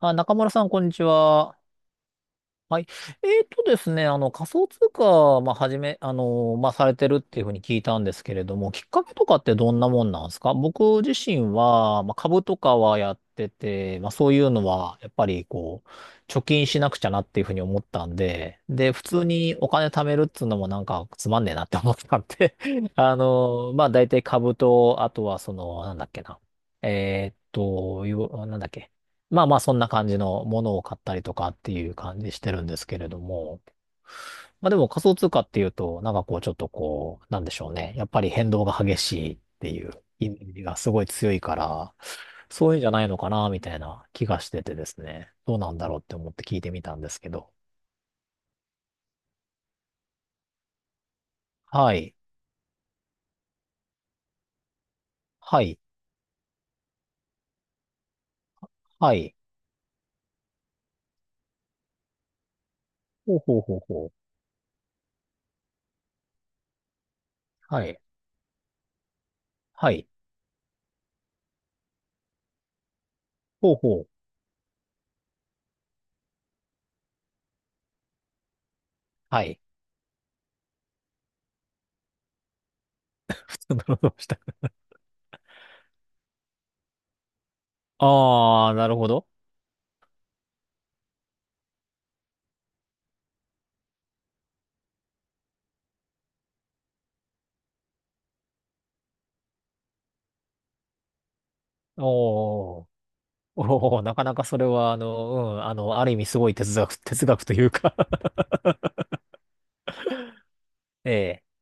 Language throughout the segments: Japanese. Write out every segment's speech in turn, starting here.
あ、中村さん、こんにちは。はい。ですね、あの、仮想通貨、まあ、はじめ、あの、まあ、されてるっていうふうに聞いたんですけれども、きっかけとかってどんなもんなんですか？僕自身は、まあ、株とかはやってて、まあ、そういうのは、やっぱり、こう、貯金しなくちゃなっていうふうに思ったんで、で、普通にお金貯めるっつうのもなんかつまんねえなって思ったんで あの、まあ、大体株と、あとは、その、なんだっけな。よなんだっけ。まあまあ、そんな感じのものを買ったりとかっていう感じしてるんですけれども。まあでも仮想通貨っていうと、なんかこうちょっとこう、なんでしょうね。やっぱり変動が激しいっていうイメージがすごい強いから、そういうんじゃないのかな、みたいな気がしててですね。どうなんだろうって思って聞いてみたんですけど。はい。はい。はい。ほうほうほうほう。はい。はい。ほうほう。はい。普通のどうした。ああー、なるほど。おー。おお、なかなかそれは、あの、うん、あの、ある意味すごい哲学、哲学というか ええ。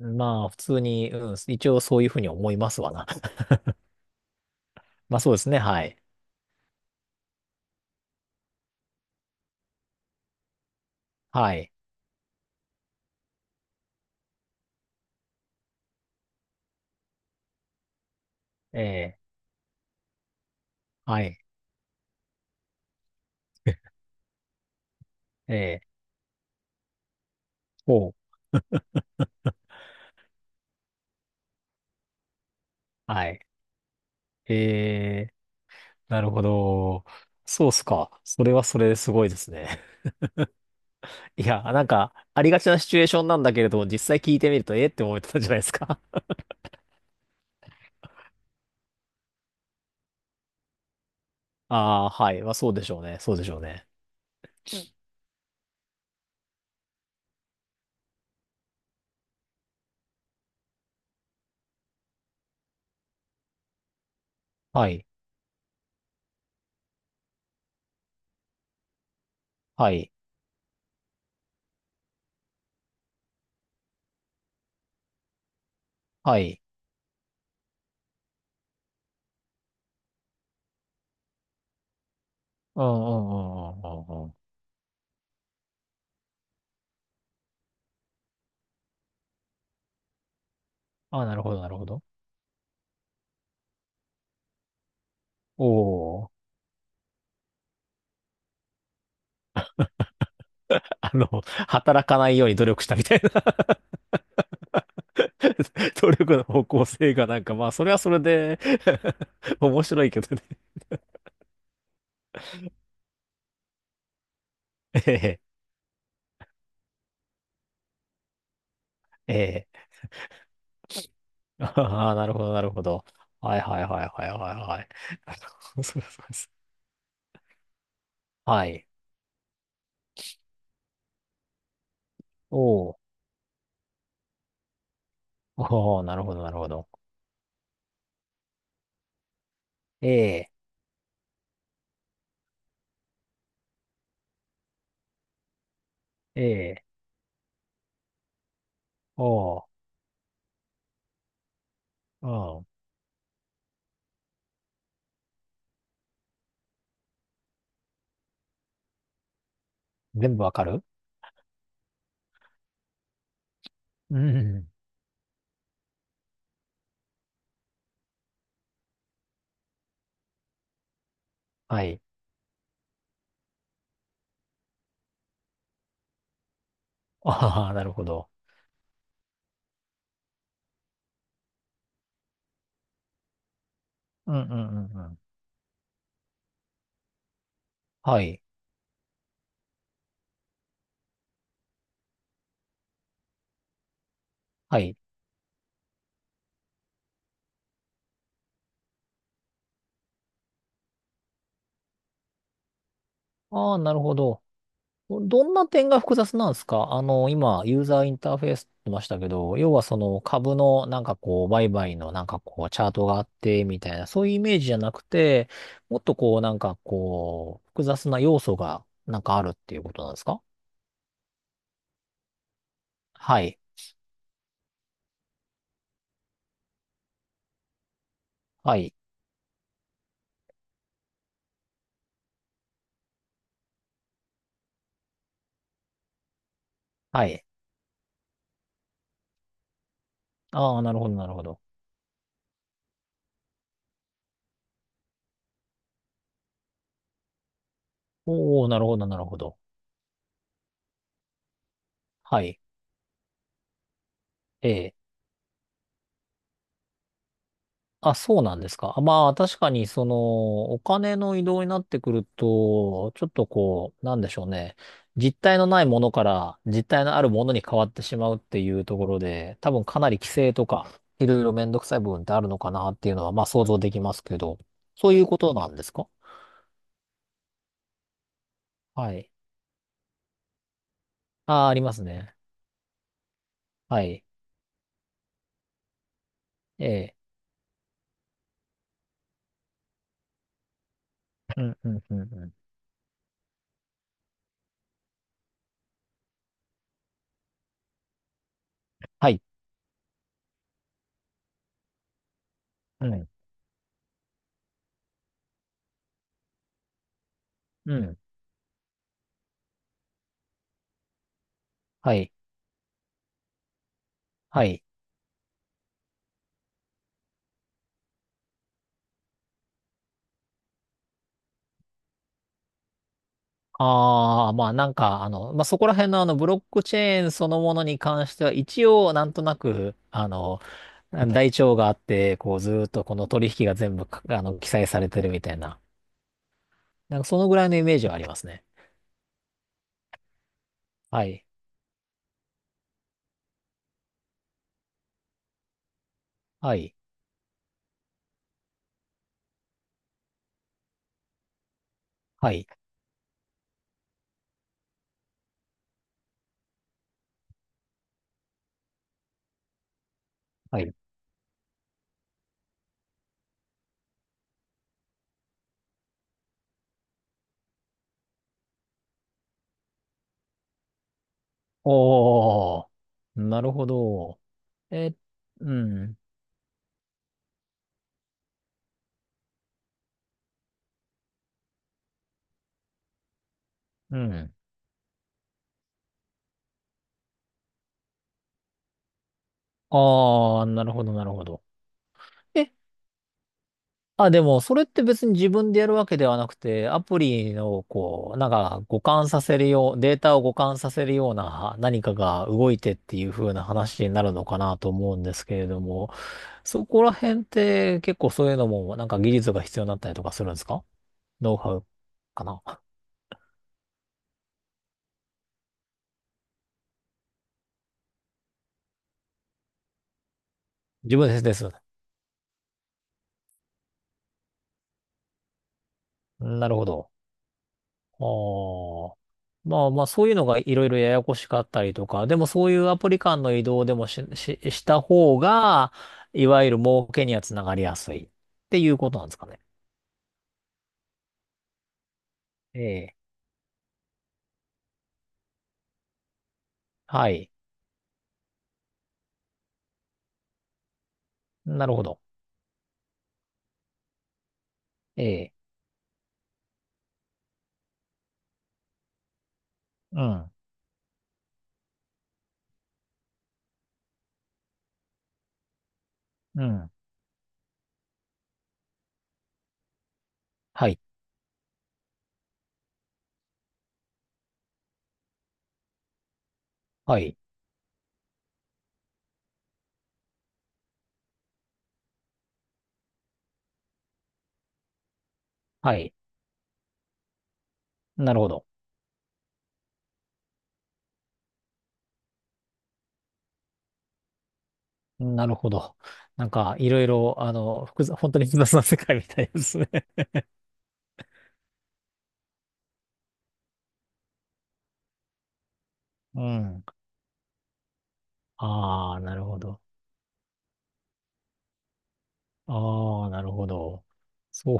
まあ、普通に、うん、一応そういうふうに思いますわな。まあ、そうですね。はい。はい。ええ。はい。ええ。おう。はい。ええ。なるほど。そうっすか。それはそれですごいですね。いや、なんか、ありがちなシチュエーションなんだけれど、実際聞いてみると、ええって思ってたじゃないですか。ああ、はい。まあ、そうでしょうね。そうでしょうね。はい。はい。はい。うんうんうんうんうんうん。ああ、なるほど、なるほど。おお。あの、働かないように努力したみたいな。 努力の方向性がなんか、まあ、それはそれで 面白いけどね。 ええ、ええ。ああ、なるほど、なるほど。はいはいはいはいはいはい。なるほど、そうですそうです。はい。おお。おお、なるほど、なるほど。ええ、ええ、おお、うん。全部わかる。うん。はい。ああ、なるほど。うんうんうんうん。はい。はい。ああ、なるほど。どんな点が複雑なんですか？あの、今、ユーザーインターフェースって言いましたけど、要はその株のなんかこう、売買のなんかこう、チャートがあって、みたいな、そういうイメージじゃなくて、もっとこう、なんかこう、複雑な要素がなんかあるっていうことなんですか？はい。はい。はい。ああ、なるほど、なるほど。おお、なるほど、なるほど。はい。ええ。あ、そうなんですか？あまあ、確かに、その、お金の移動になってくると、ちょっとこう、なんでしょうね。実体のないものから実体のあるものに変わってしまうっていうところで、多分かなり規制とか、いろいろめんどくさい部分ってあるのかなっていうのは、まあ想像できますけど、そういうことなんですか？はい。ああ、ありますね。はい。ええ。うん、うん、うん、うん。はい。うん、うん。はい。はい。ああ、まあなんか、あの、まあそこら辺のあのブロックチェーンそのものに関しては一応なんとなく、あの、台帳があって、こうずーっとこの取引が全部か、あの、記載されてるみたいな。なんかそのぐらいのイメージはありますね。はい。はい。はい。はい。おー。なるほど。え、うん。うん。ああ、なるほど、なるほど。え、あ、でも、それって別に自分でやるわけではなくて、アプリの、こう、なんか、互換させるよう、データを互換させるような何かが動いてっていう風な話になるのかなと思うんですけれども、そこら辺って結構そういうのも、なんか技術が必要になったりとかするんですか？ノウハウかな。自分ですですよね。なるほど。ああ。まあまあ、そういうのがいろいろややこしかったりとか、でもそういうアプリ間の移動でもした方が、いわゆる儲けにはつながりやすいっていうことなんですかね。ええ。はい。なるほど。ええ。うん。うん。はい。はい。はい。なるほど。なるほど。なんか、いろいろ、あの、複雑、本当に複雑な世界みたいですね。うん。ああ、なるほど。ああ、なるほど。そう、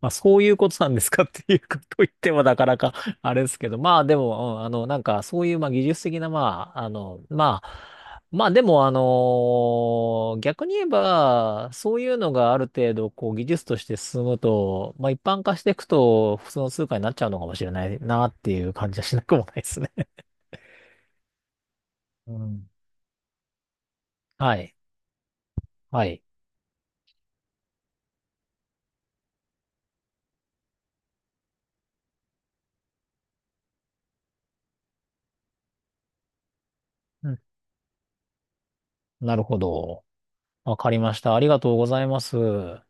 まあ、そういうことなんですかっていうこと言ってもなかなか あれですけど、まあでも、うんあの、なんかそういう、まあ技術的な、まあ、あの、まあ、まあでも、あの逆に言えば、そういうのがある程度、こう、技術として進むと、まあ一般化していくと、普通の通貨になっちゃうのかもしれないなっていう感じはしなくもないですね。うん。はい。はい。うん。なるほど。わかりました。ありがとうございます。